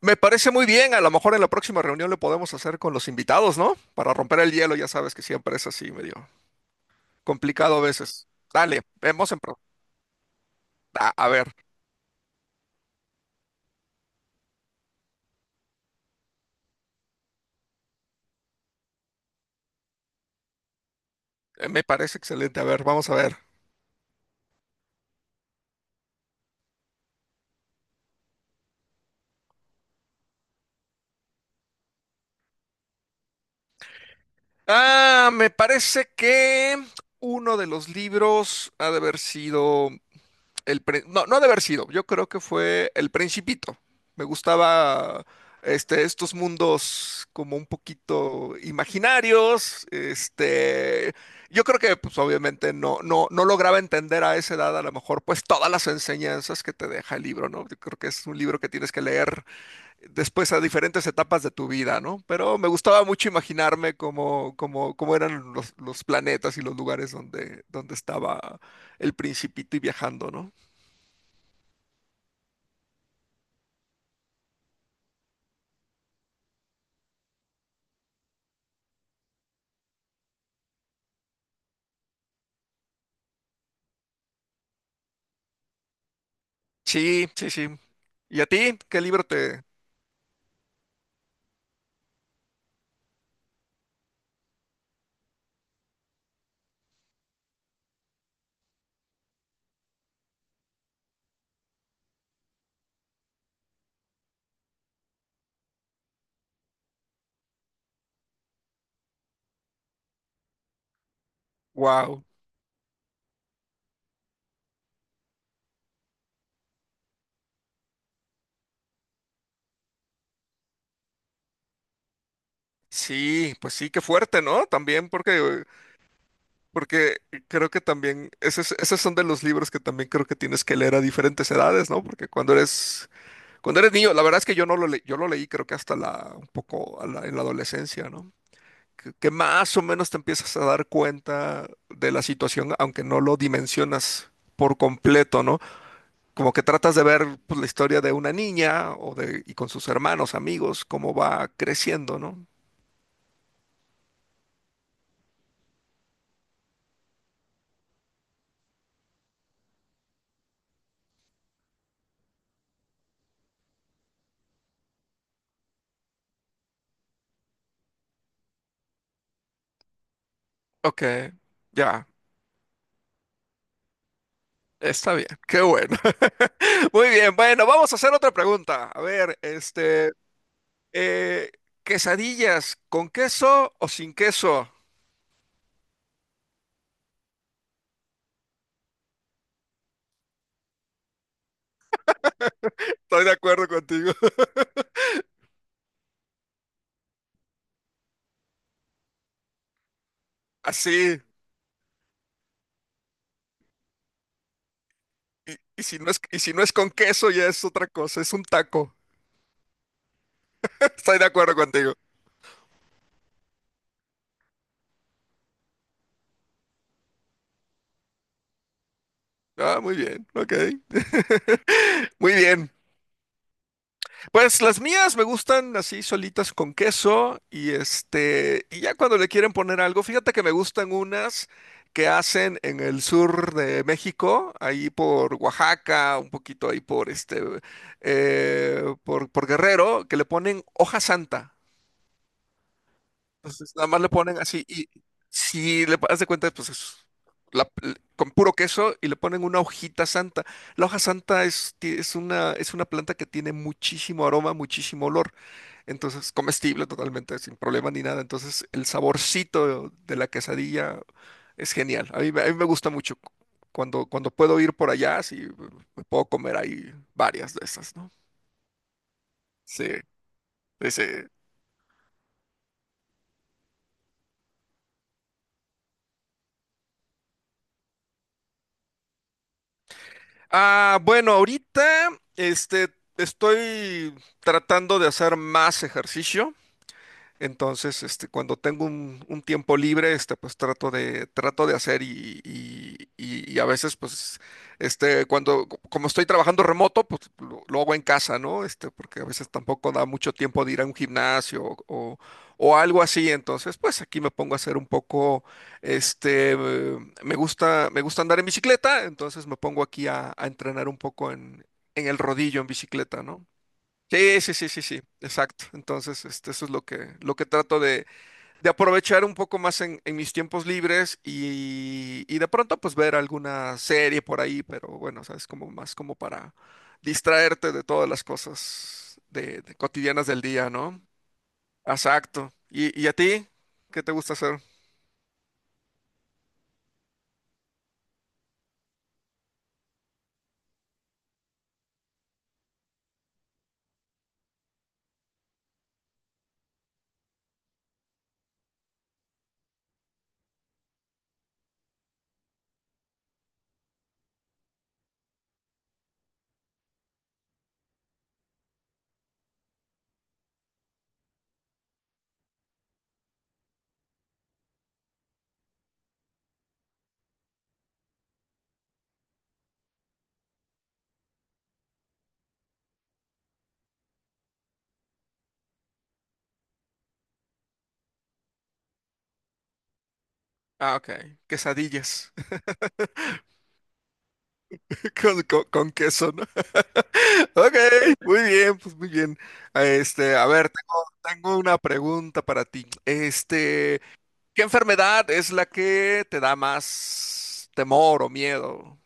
Me parece muy bien, a lo mejor en la próxima reunión lo podemos hacer con los invitados, ¿no? Para romper el hielo, ya sabes que siempre es así, medio complicado a veces. Dale, vemos A, a ver, me parece excelente, a ver, vamos a ver. Me parece que uno de los libros ha de haber sido... El pre- no, no ha de haber sido. Yo creo que fue El Principito. Me gustaba estos mundos como un poquito imaginarios. Yo creo que, pues, obviamente, no lograba entender a esa edad, a lo mejor, pues, todas las enseñanzas que te deja el libro, ¿no? Yo creo que es un libro que tienes que leer después a diferentes etapas de tu vida, ¿no? Pero me gustaba mucho imaginarme cómo eran los planetas y los lugares donde estaba el Principito y viajando, ¿no? Sí, sí, sí. ¿Y a ti? ¿Qué libro te...? Wow. Sí, pues sí, qué fuerte, ¿no? También porque creo que también, esos son de los libros que también creo que tienes que leer a diferentes edades, ¿no? Porque cuando eres niño, la verdad es que yo no lo leí, yo lo leí creo que un poco en la adolescencia, ¿no? Que más o menos te empiezas a dar cuenta de la situación, aunque no lo dimensionas por completo, ¿no? Como que tratas de ver pues, la historia de una niña y con sus hermanos, amigos, cómo va creciendo, ¿no? Ok, ya, está bien, qué bueno. Muy bien, bueno, vamos a hacer otra pregunta. A ver, eh, quesadillas, ¿con queso o sin queso? Estoy de acuerdo contigo. Así, y si no es con queso, ya es otra cosa, es un taco. Estoy de acuerdo contigo. Ah, muy bien, ok. Muy bien. Pues las mías me gustan así solitas con queso y y ya cuando le quieren poner algo, fíjate que me gustan unas que hacen en el sur de México, ahí por Oaxaca, un poquito ahí por por Guerrero, que le ponen hoja santa. Entonces nada más le ponen así y si le das de cuenta, pues es la- con puro queso y le ponen una hojita santa. La hoja santa es es una planta que tiene muchísimo aroma, muchísimo olor. Entonces, comestible totalmente, sin problema ni nada. Entonces, el saborcito de la quesadilla es genial. A mí me gusta mucho. Cuando puedo ir por allá, sí, me puedo comer ahí varias de esas, ¿no? Sí, sí, sí. Ah, bueno, ahorita, este, estoy tratando de hacer más ejercicio. Entonces, cuando tengo un tiempo libre, pues trato de hacer y a veces, pues, como estoy trabajando remoto, pues lo hago en casa, ¿no? Porque a veces tampoco da mucho tiempo de ir a un gimnasio o algo así. Entonces, pues aquí me pongo a hacer un poco, este, eh, me gusta andar en bicicleta, entonces me pongo aquí a entrenar un poco en el rodillo en bicicleta, ¿no? Sí, sí, sí, sí, sí, exacto. Entonces, eso es lo que de aprovechar un poco más en mis tiempos libres y de pronto pues ver alguna serie por ahí, pero bueno, o sea, es como más como para distraerte de todas las cosas de cotidianas del día, ¿no? Exacto. ¿Y a ti? ¿Qué te gusta hacer? Ah, ok. Quesadillas. Con queso, ¿no? Ok, muy bien, pues muy bien. A ver, tengo una pregunta para ti. ¿Qué enfermedad es la que te da más temor o miedo?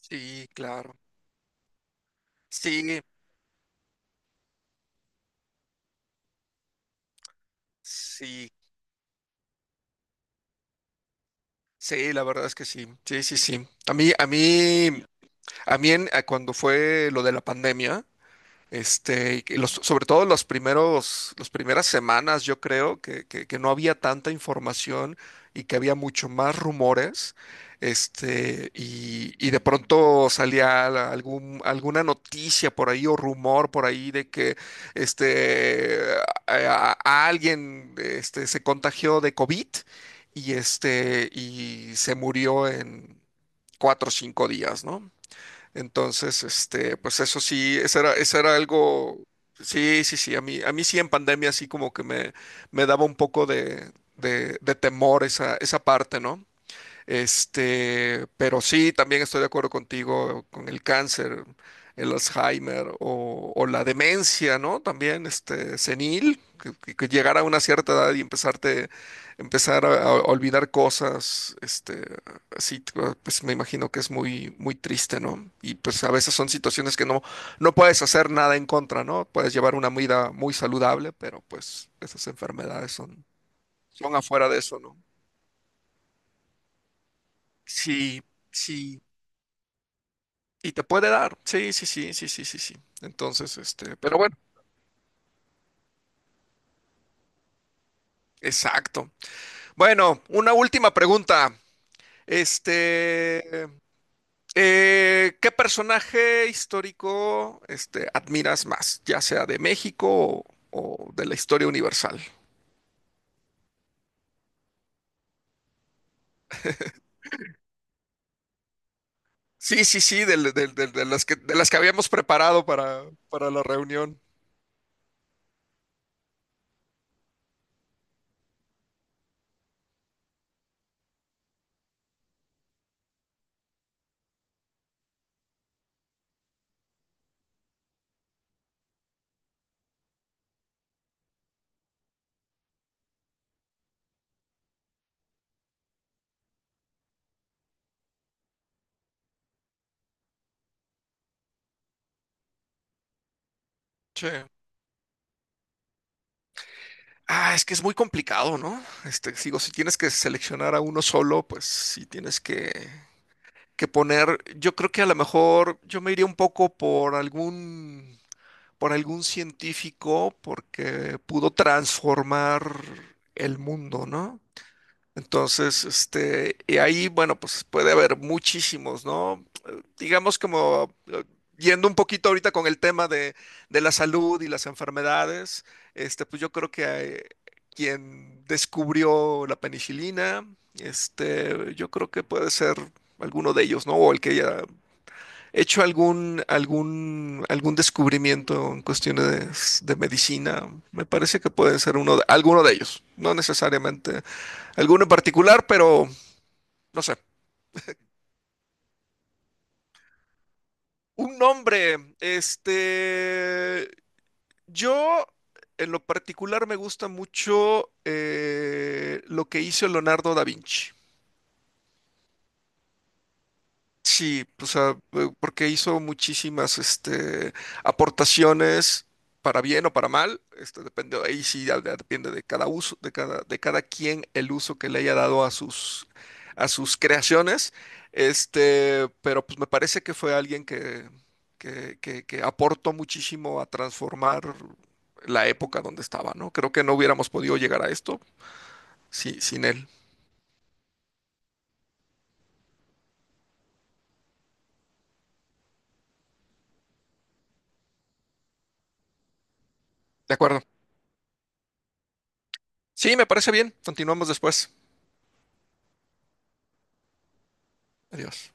Sí, claro. Sí, sí. Sí, la verdad es que sí. Sí, sí, sí. A cuando fue lo de la pandemia. Y sobre todo los primeros, las primeras semanas, yo creo que, que no había tanta información y que había mucho más rumores. Y de pronto salía alguna noticia por ahí o rumor por ahí de que este, a alguien se contagió de COVID y, y se murió en 4 o 5 días, ¿no? Entonces, pues eso sí, eso era algo, sí, sí, sí, a mí sí en pandemia sí como que me daba un poco de temor esa, esa parte, ¿no? Pero sí, también estoy de acuerdo contigo con el cáncer, el Alzheimer o la demencia, ¿no? También, senil, que, que llegar a una cierta edad empezar a olvidar cosas, así, ah, pues me imagino que es muy, muy triste, ¿no? Y pues a veces son situaciones que no puedes hacer nada en contra, ¿no? Puedes llevar una vida muy saludable, pero pues esas enfermedades son afuera de eso, ¿no? Sí, sí. Y te puede dar. Sí, sí, sí, sí, sí, sí, sí. Entonces, pero bueno, exacto. Bueno, una última pregunta. Este, ¿Qué personaje histórico, admiras más, ya sea de México o de la historia universal? Sí, sí, sí, de las que habíamos preparado para la reunión. Sí. Ah, es que es muy complicado, ¿no? Si tienes que seleccionar a uno solo, pues sí tienes que poner. Yo creo que a lo mejor yo me iría un poco por por algún científico porque pudo transformar el mundo, ¿no? Entonces, Y ahí, bueno, pues puede haber muchísimos, ¿no? Digamos como Yendo un poquito ahorita con el tema de la salud y las enfermedades, pues yo creo que quien descubrió la penicilina, yo creo que puede ser alguno de ellos, ¿no? O el que haya hecho algún descubrimiento en cuestiones de medicina, me parece que puede ser uno de, alguno de ellos, no necesariamente alguno en particular, pero no sé. Un nombre, yo en lo particular me gusta mucho lo que hizo Leonardo da Vinci. Sí, o sea, porque hizo muchísimas aportaciones para bien o para mal, depende, ahí sí ya depende de cada uso, de cada quien el uso que le haya dado a a sus creaciones, pero pues me parece que fue alguien que aportó muchísimo a transformar la época donde estaba, ¿no? Creo que no hubiéramos podido llegar a esto sin él. De acuerdo. Sí, me parece bien. Continuamos después. Adiós.